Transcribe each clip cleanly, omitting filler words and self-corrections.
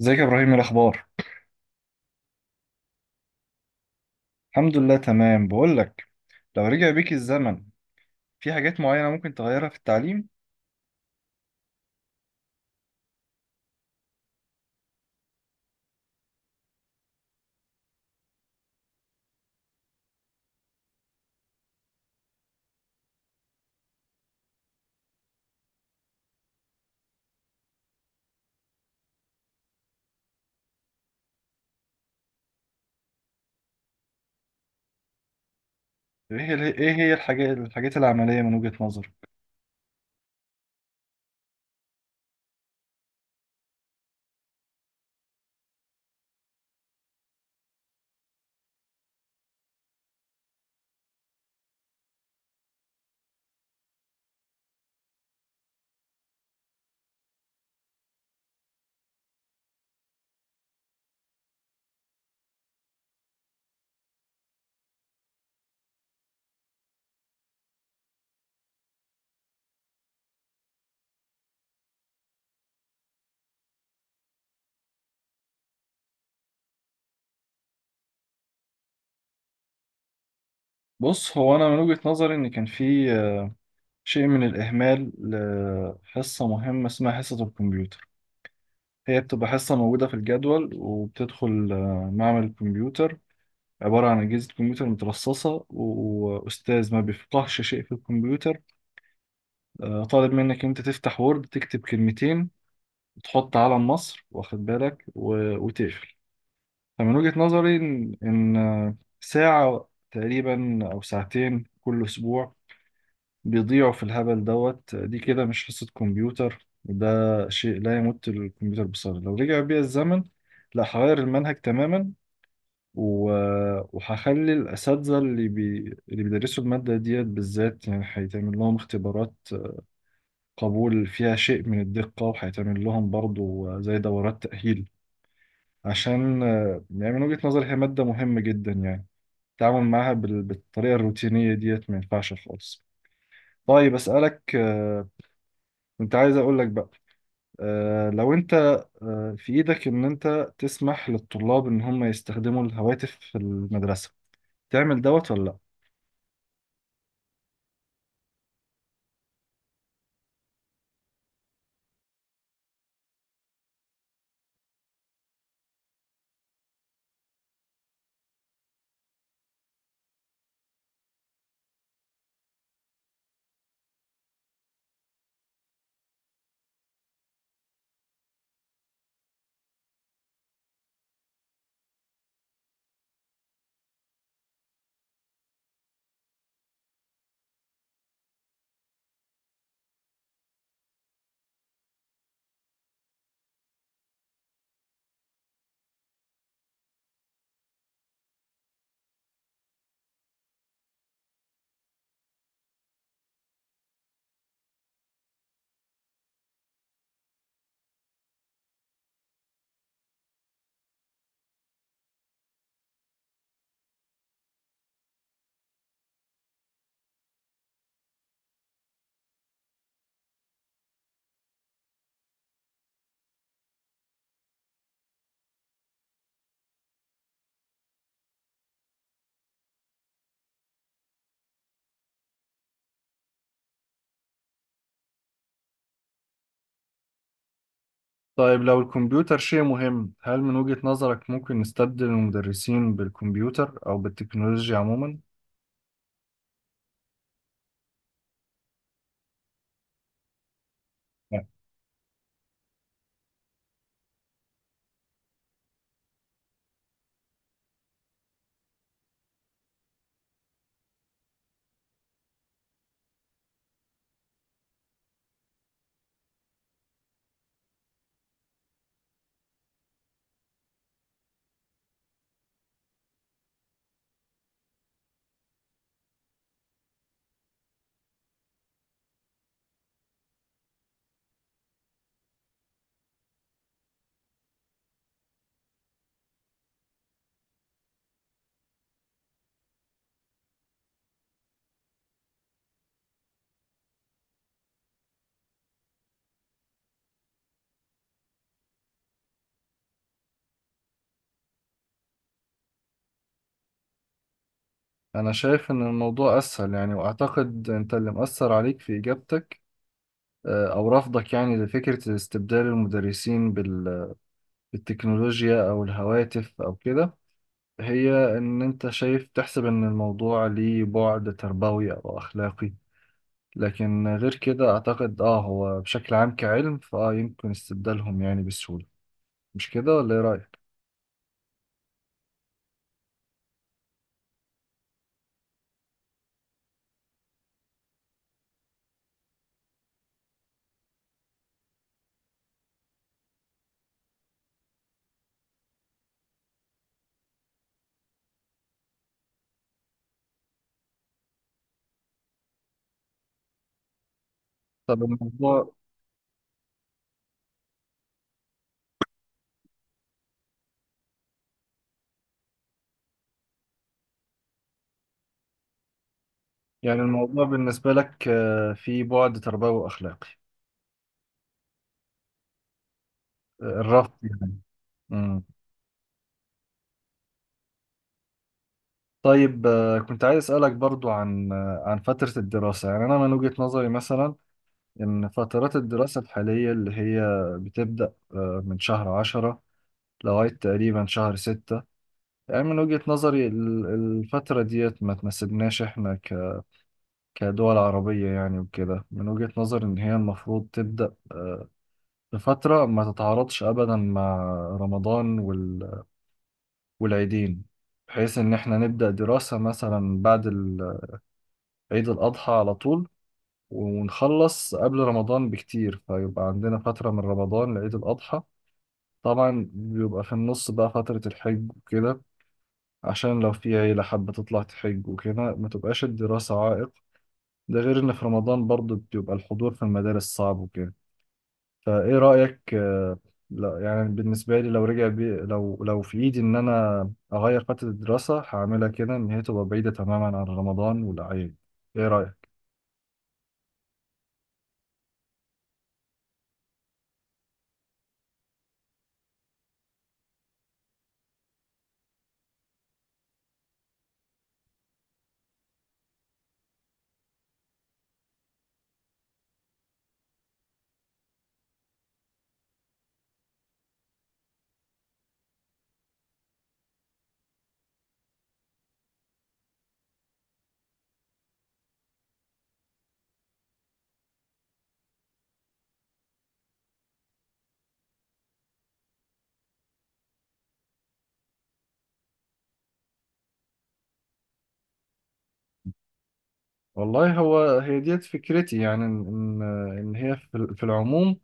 ازيك يا ابراهيم؟ إيه الاخبار؟ الحمد لله، تمام. بقول لك، لو رجع بيك الزمن، في حاجات معينه ممكن تغيرها في التعليم؟ ايه هي الحاجات العمليه من وجهه نظرك؟ بص، هو انا من وجهه نظري ان كان في شيء من الاهمال لحصه مهمه اسمها حصه الكمبيوتر. هي بتبقى حصه موجوده في الجدول، وبتدخل معمل الكمبيوتر. عبارة عن أجهزة كمبيوتر مترصصة، وأستاذ ما بيفقهش شيء في الكمبيوتر. طالب منك أنت تفتح وورد، تكتب كلمتين، تحط علم مصر، واخد بالك، وتقفل. فمن وجهة نظري، إن ساعة تقريبا أو ساعتين كل أسبوع بيضيعوا في الهبل دوت دي. كده مش حصة كمبيوتر، ده شيء لا يمت الكمبيوتر بصله. لو رجع بيا الزمن، لا، هغير المنهج تماما. و... وهخلي الأساتذة اللي بيدرسوا المادة ديت بالذات، يعني هيتعمل لهم اختبارات قبول فيها شيء من الدقة، وهيتعمل لهم برضو زي دورات تأهيل. عشان يعني من وجهة نظري هي مادة مهمة جدا يعني. التعامل معاها بالطريقة الروتينية ديت ما ينفعش خالص. طيب، أسألك، كنت عايز أقول لك بقى، لو أنت في إيدك إن أنت تسمح للطلاب إن هم يستخدموا الهواتف في المدرسة، تعمل دوت ولا لأ؟ طيب، لو الكمبيوتر شيء مهم، هل من وجهة نظرك ممكن نستبدل المدرسين بالكمبيوتر أو بالتكنولوجيا عموما؟ لا. أنا شايف إن الموضوع أسهل يعني، وأعتقد أنت اللي مأثر عليك في إجابتك أو رفضك، يعني لفكرة استبدال المدرسين بالتكنولوجيا أو الهواتف أو كده. هي إن أنت شايف تحسب إن الموضوع ليه بعد تربوي أو أخلاقي، لكن غير كده أعتقد هو بشكل عام كعلم، يمكن استبدالهم يعني بسهولة. مش كده ولا إيه رأيك؟ طب الموضوع يعني الموضوع بالنسبة لك فيه بعد تربوي وأخلاقي، الرفض يعني. طيب، كنت عايز أسألك برضو عن فترة الدراسة. يعني أنا من وجهة نظري مثلا، إن فترات الدراسة الحالية اللي هي بتبدأ من شهر عشرة لغاية تقريبا شهر ستة. يعني من وجهة نظري الفترة ديت ما تناسبناش إحنا كدول عربية يعني، وكده من وجهة نظري إن هي المفروض تبدأ بفترة ما تتعارضش أبدا مع رمضان وال- والعيدين، بحيث إن إحنا نبدأ دراسة مثلا بعد عيد الأضحى على طول، ونخلص قبل رمضان بكتير، فيبقى عندنا فترة من رمضان لعيد الأضحى. طبعا بيبقى في النص بقى فترة الحج وكده، عشان لو في عيلة حابة تطلع تحج وكده، ما تبقاش الدراسة عائق. ده غير إن في رمضان برضو بيبقى الحضور في المدارس صعب وكده. فإيه رأيك؟ لا يعني، بالنسبة لي لو رجع بي لو لو في إيدي إن أنا أغير فترة الدراسة، هعملها كده، إن هي تبقى بعيدة تماما عن رمضان والأعياد. إيه رأيك؟ والله، هو هي ديت فكرتي، يعني ان إن هي في العموم،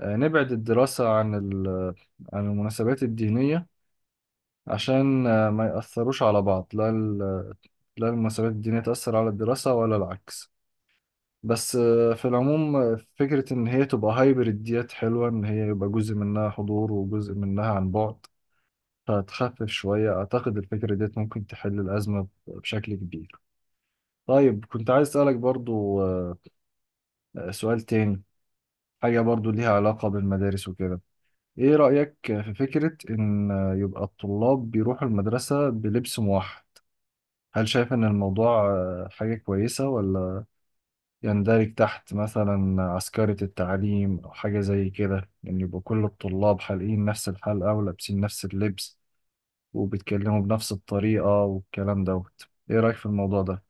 نبعد الدراسة عن عن المناسبات الدينية، عشان ما يأثروش على بعض. لا لا المناسبات الدينية تأثر على الدراسة، ولا العكس. بس، في العموم، فكرة ان هي تبقى هايبرد ديت حلوة، ان هي يبقى جزء منها حضور وجزء منها عن بعد، فتخفف شوية. أعتقد الفكرة ديت ممكن تحل الأزمة بشكل كبير. طيب، كنت عايز أسألك برضو، سؤال تاني، حاجة برضو ليها علاقة بالمدارس وكده. ايه رأيك في فكرة ان يبقى الطلاب بيروحوا المدرسة بلبس موحد؟ هل شايف ان الموضوع حاجة كويسة، ولا يندرج تحت مثلا عسكرة التعليم او حاجة زي كده؟ يعني يبقى كل الطلاب حالقين نفس الحلقة، ولابسين نفس اللبس، وبيتكلموا بنفس الطريقة والكلام دوت. ايه رأيك في الموضوع ده؟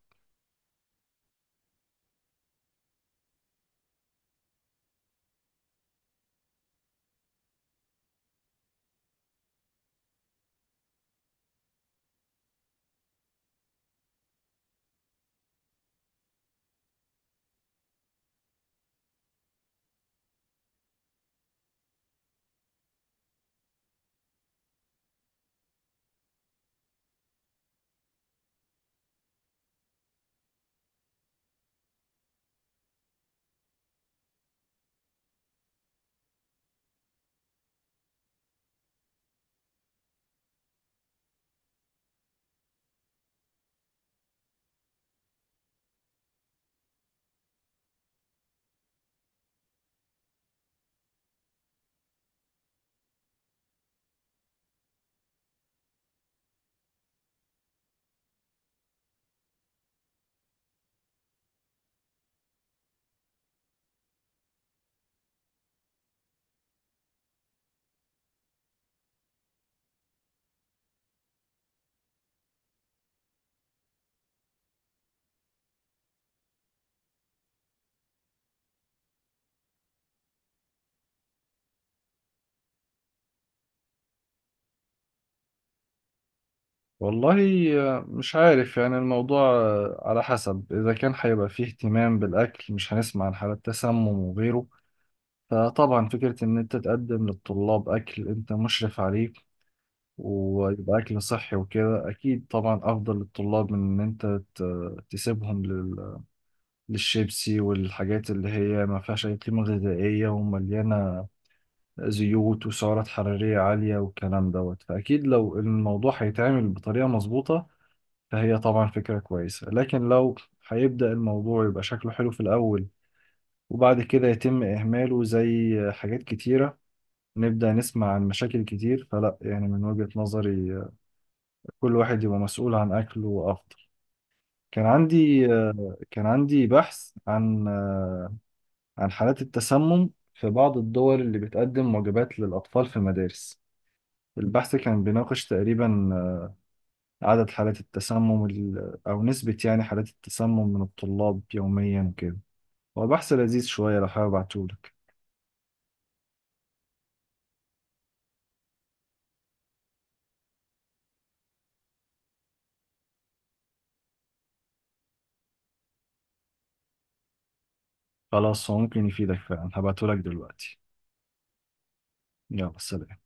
والله، مش عارف، يعني الموضوع على حسب، إذا كان هيبقى فيه اهتمام بالأكل مش هنسمع عن حالات تسمم وغيره. فطبعا فكرة إن أنت تقدم للطلاب أكل أنت مشرف عليه، ويبقى أكل صحي وكده، أكيد طبعا أفضل للطلاب من إن أنت تسيبهم للشيبسي والحاجات اللي هي ما فيهاش أي قيمة غذائية، ومليانة زيوت وسعرات حرارية عالية والكلام دوت. فأكيد لو الموضوع هيتعمل بطريقة مظبوطة، فهي طبعا فكرة كويسة. لكن لو هيبدأ الموضوع يبقى شكله حلو في الأول، وبعد كده يتم إهماله زي حاجات كتيرة، نبدأ نسمع عن مشاكل كتير. فلا يعني، من وجهة نظري، كل واحد يبقى مسؤول عن أكله أفضل. كان عندي كان عندي بحث عن حالات التسمم في بعض الدول اللي بتقدم وجبات للأطفال في المدارس. البحث كان بيناقش تقريبا عدد حالات التسمم أو نسبة، يعني حالات التسمم من الطلاب يوميا وكده. هو بحث لذيذ شوية، لو حابب ابعتهولك. خلاص، هو ممكن يفيدك فعلا، هبعتهولك دلوقتي. يلا، سلام.